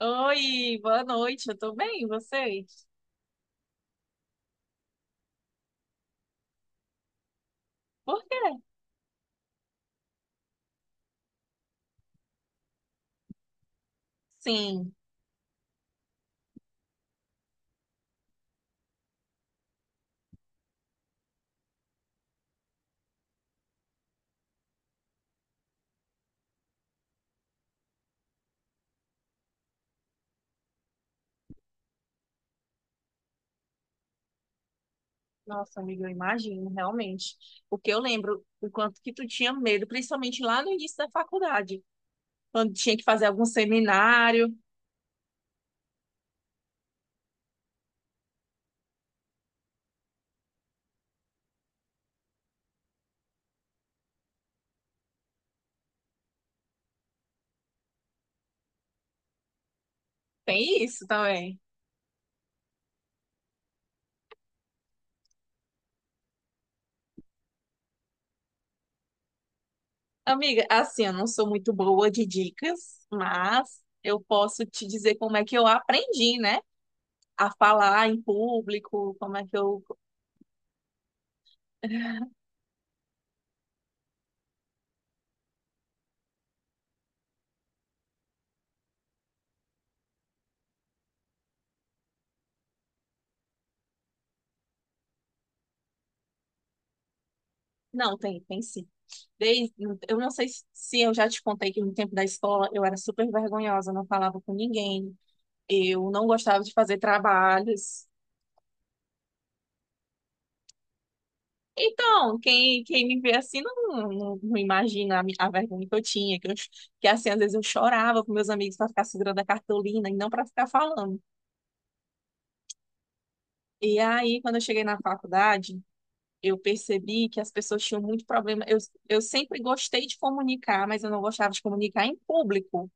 Oi, boa noite, eu tô bem, e vocês? Por quê? Sim, nossa amiga, eu imagino, realmente. O que eu lembro o quanto que tu tinha medo, principalmente lá no início da faculdade, quando tinha que fazer algum seminário, tem isso também. Amiga, assim, eu não sou muito boa de dicas, mas eu posso te dizer como é que eu aprendi, né? A falar em público, como é que eu Não, tem, tem sim. Desde, eu não sei se eu já te contei que no tempo da escola eu era super vergonhosa, não falava com ninguém, eu não gostava de fazer trabalhos. Então, quem me vê assim não imagina a vergonha que eu tinha, que assim, às vezes eu chorava com meus amigos para ficar segurando a cartolina e não para ficar falando. E aí, quando eu cheguei na faculdade, eu percebi que as pessoas tinham muito problema. Eu sempre gostei de comunicar, mas eu não gostava de comunicar em público.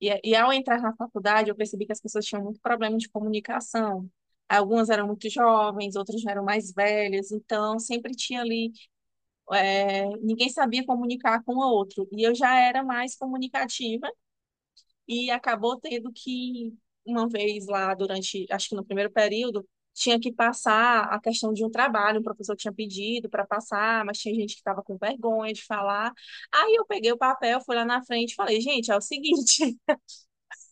E ao entrar na faculdade, eu percebi que as pessoas tinham muito problema de comunicação. Algumas eram muito jovens, outras já eram mais velhas, então sempre tinha ali, ninguém sabia comunicar com o outro. E eu já era mais comunicativa e acabou uma vez lá durante, acho que no primeiro período, tinha que passar a questão de um trabalho, o professor tinha pedido para passar, mas tinha gente que estava com vergonha de falar. Aí eu peguei o papel, fui lá na frente e falei, gente, é o seguinte.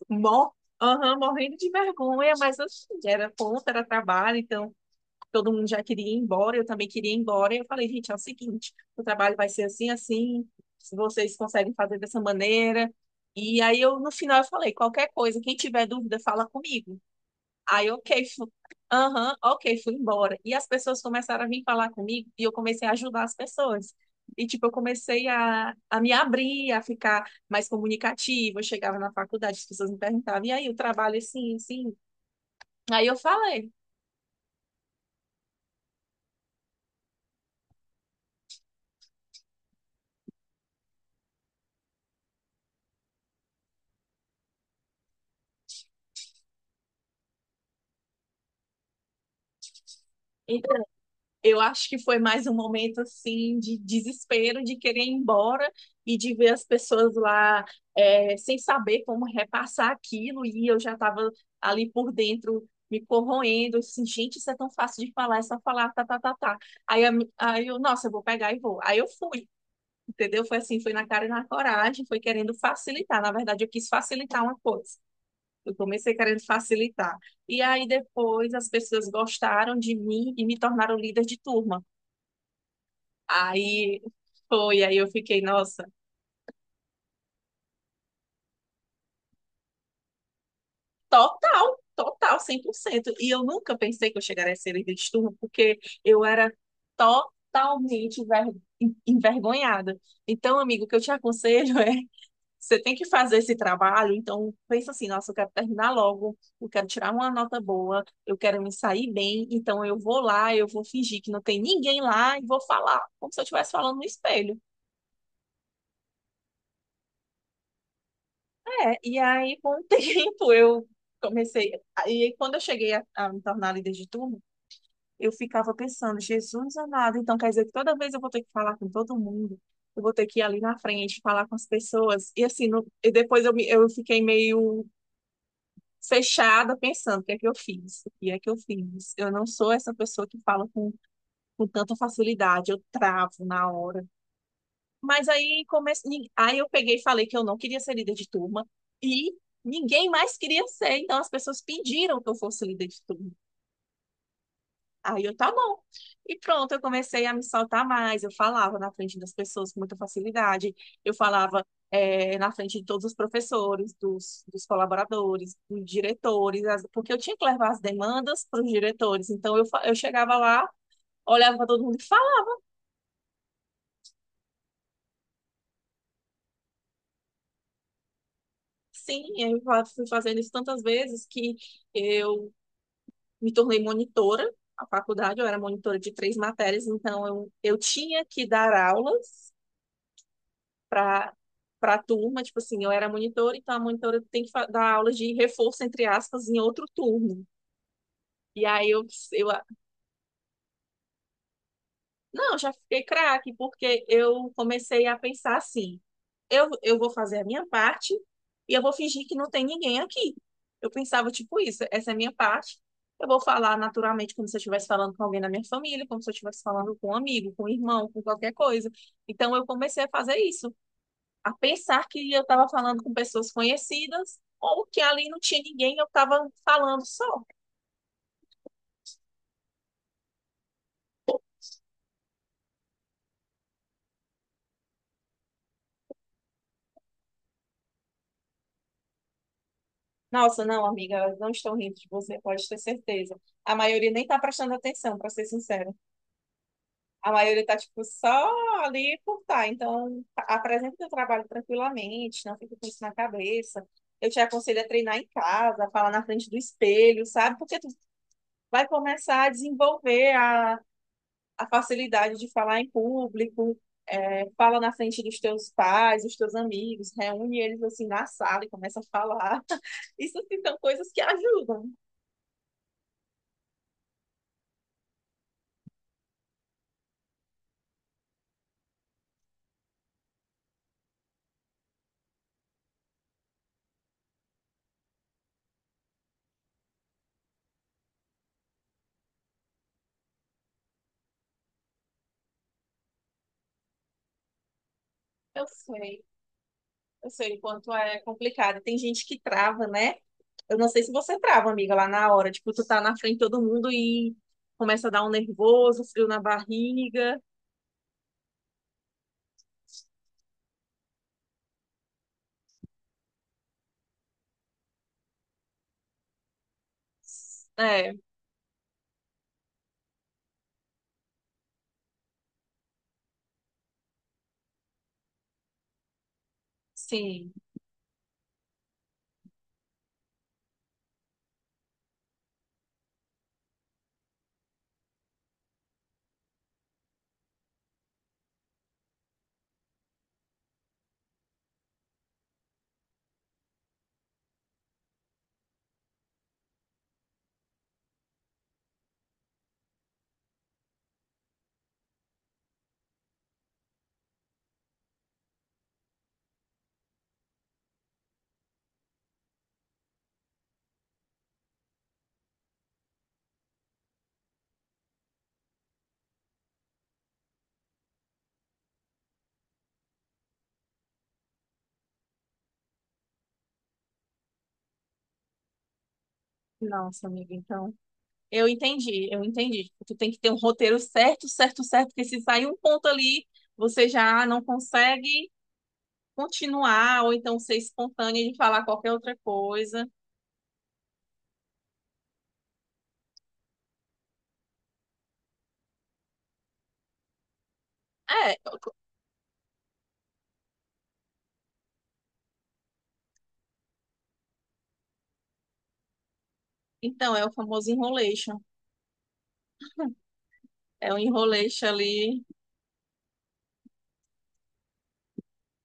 Mor Aham, morrendo de vergonha, mas assim, era ponta, era trabalho, então todo mundo já queria ir embora, eu também queria ir embora. E eu falei, gente, é o seguinte, o trabalho vai ser assim, assim, se vocês conseguem fazer dessa maneira. E aí eu, no final, eu falei, qualquer coisa, quem tiver dúvida, fala comigo. Aí, ok, aham, ok, fui embora. E as pessoas começaram a vir falar comigo e eu comecei a ajudar as pessoas. E, tipo, eu comecei a me abrir, a ficar mais comunicativa. Eu chegava na faculdade, as pessoas me perguntavam, e aí, o trabalho é assim, assim. Aí eu falei, e Eu acho que foi mais um momento assim de desespero, de querer ir embora e de ver as pessoas lá sem saber como repassar aquilo. E eu já estava ali por dentro me corroendo, assim, gente, isso é tão fácil de falar, é só falar, tá, tá, tá, tá. Aí eu, nossa, eu vou pegar e vou. Aí eu fui, entendeu? Foi assim, foi na cara e na coragem, foi querendo facilitar. Na verdade, eu quis facilitar uma coisa. Eu comecei querendo facilitar. E aí depois as pessoas gostaram de mim e me tornaram líder de turma. Aí foi, aí eu fiquei, nossa, total, total, 100%. E eu nunca pensei que eu chegaria a ser líder de turma, porque eu era totalmente envergonhada. Então, amigo, o que eu te aconselho é, você tem que fazer esse trabalho, então pensa assim, nossa, eu quero terminar logo, eu quero tirar uma nota boa, eu quero me sair bem, então eu vou lá, eu vou fingir que não tem ninguém lá e vou falar, como se eu estivesse falando no espelho. É, e aí com o tempo eu comecei, e aí, quando eu cheguei a me tornar líder de turma, eu ficava pensando, Jesus amado, então quer dizer que toda vez eu vou ter que falar com todo mundo, eu vou ter que ir ali na frente, falar com as pessoas, e assim, e depois eu fiquei meio fechada pensando, o que é que eu fiz? O que é que eu fiz? Eu não sou essa pessoa que fala com tanta facilidade, eu travo na hora. Mas aí eu peguei e falei que eu não queria ser líder de turma e ninguém mais queria ser, então as pessoas pediram que eu fosse líder de turma. Aí eu, tá bom. E pronto, eu comecei a me soltar mais. Eu falava na frente das pessoas com muita facilidade. Eu falava na frente de todos os professores, dos colaboradores, dos diretores, porque eu tinha que levar as demandas para os diretores. Então eu chegava lá, olhava para todo mundo e falava assim. Fui fazendo isso tantas vezes que eu me tornei monitora a faculdade, eu era monitora de 3 matérias, então eu tinha que dar aulas para para a turma, tipo assim, eu era monitora, então a monitora tem que dar aulas de reforço, entre aspas, em outro turno. E aí eu. Não, já fiquei craque, porque eu comecei a pensar assim: eu vou fazer a minha parte e eu vou fingir que não tem ninguém aqui. Eu pensava, tipo, isso, essa é a minha parte. Eu vou falar naturalmente, como se eu estivesse falando com alguém da minha família, como se eu estivesse falando com um amigo, com um irmão, com qualquer coisa. Então, eu comecei a fazer isso, a pensar que eu estava falando com pessoas conhecidas ou que ali não tinha ninguém, eu estava falando só. Nossa, não, amiga, elas não estão rindo de você, pode ter certeza. A maioria nem tá prestando atenção, para ser sincera. A maioria tá, tipo, só ali por tá. Então, apresenta o teu trabalho tranquilamente, não fica com isso na cabeça. Eu te aconselho a treinar em casa, a falar na frente do espelho, sabe? Porque tu vai começar a desenvolver a facilidade de falar em público, fala na frente dos teus pais, dos teus amigos, reúne eles, assim, na sala e começa a falar. Isso, assim, são coisas que ajudam. Eu sei, eu sei o quanto é complicado. Tem gente que trava, né? Eu não sei se você trava, amiga, lá na hora. Tipo, tu tá na frente de todo mundo e começa a dar um nervoso, frio na barriga. É, sim. Nossa, amiga, então. Eu entendi, eu entendi. Tipo, tu tem que ter um roteiro certo, certo, certo, porque se sair um ponto ali, você já não consegue continuar, ou então ser espontânea de falar qualquer outra coisa. É, então é o famoso enrolation. É o enrolation ali.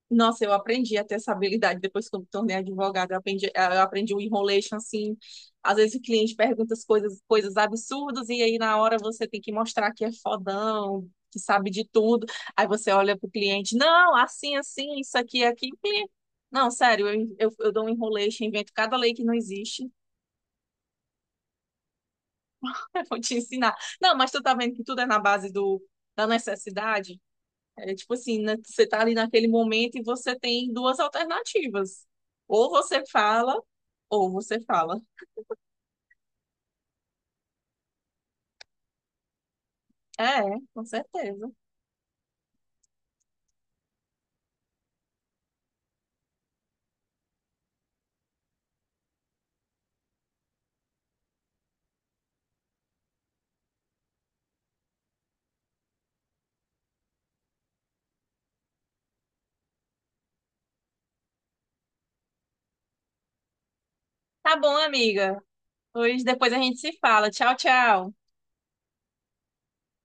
Nossa, eu aprendi a ter essa habilidade depois que eu me tornei advogada. Eu eu aprendi o enrolation, assim. Às vezes o cliente pergunta as coisas, coisas absurdas, e aí na hora você tem que mostrar que é fodão, que sabe de tudo. Aí você olha pro cliente, não, assim, assim, isso aqui, aqui. Não, sério, eu dou um enrolation, invento cada lei que não existe. Eu vou te ensinar. Não, mas tu tá vendo que tudo é na base da necessidade? É tipo assim, né, você tá ali naquele momento e você tem duas alternativas. Ou você fala, ou você fala. É, com certeza. Tá bom, amiga. Pois depois a gente se fala. Tchau, tchau.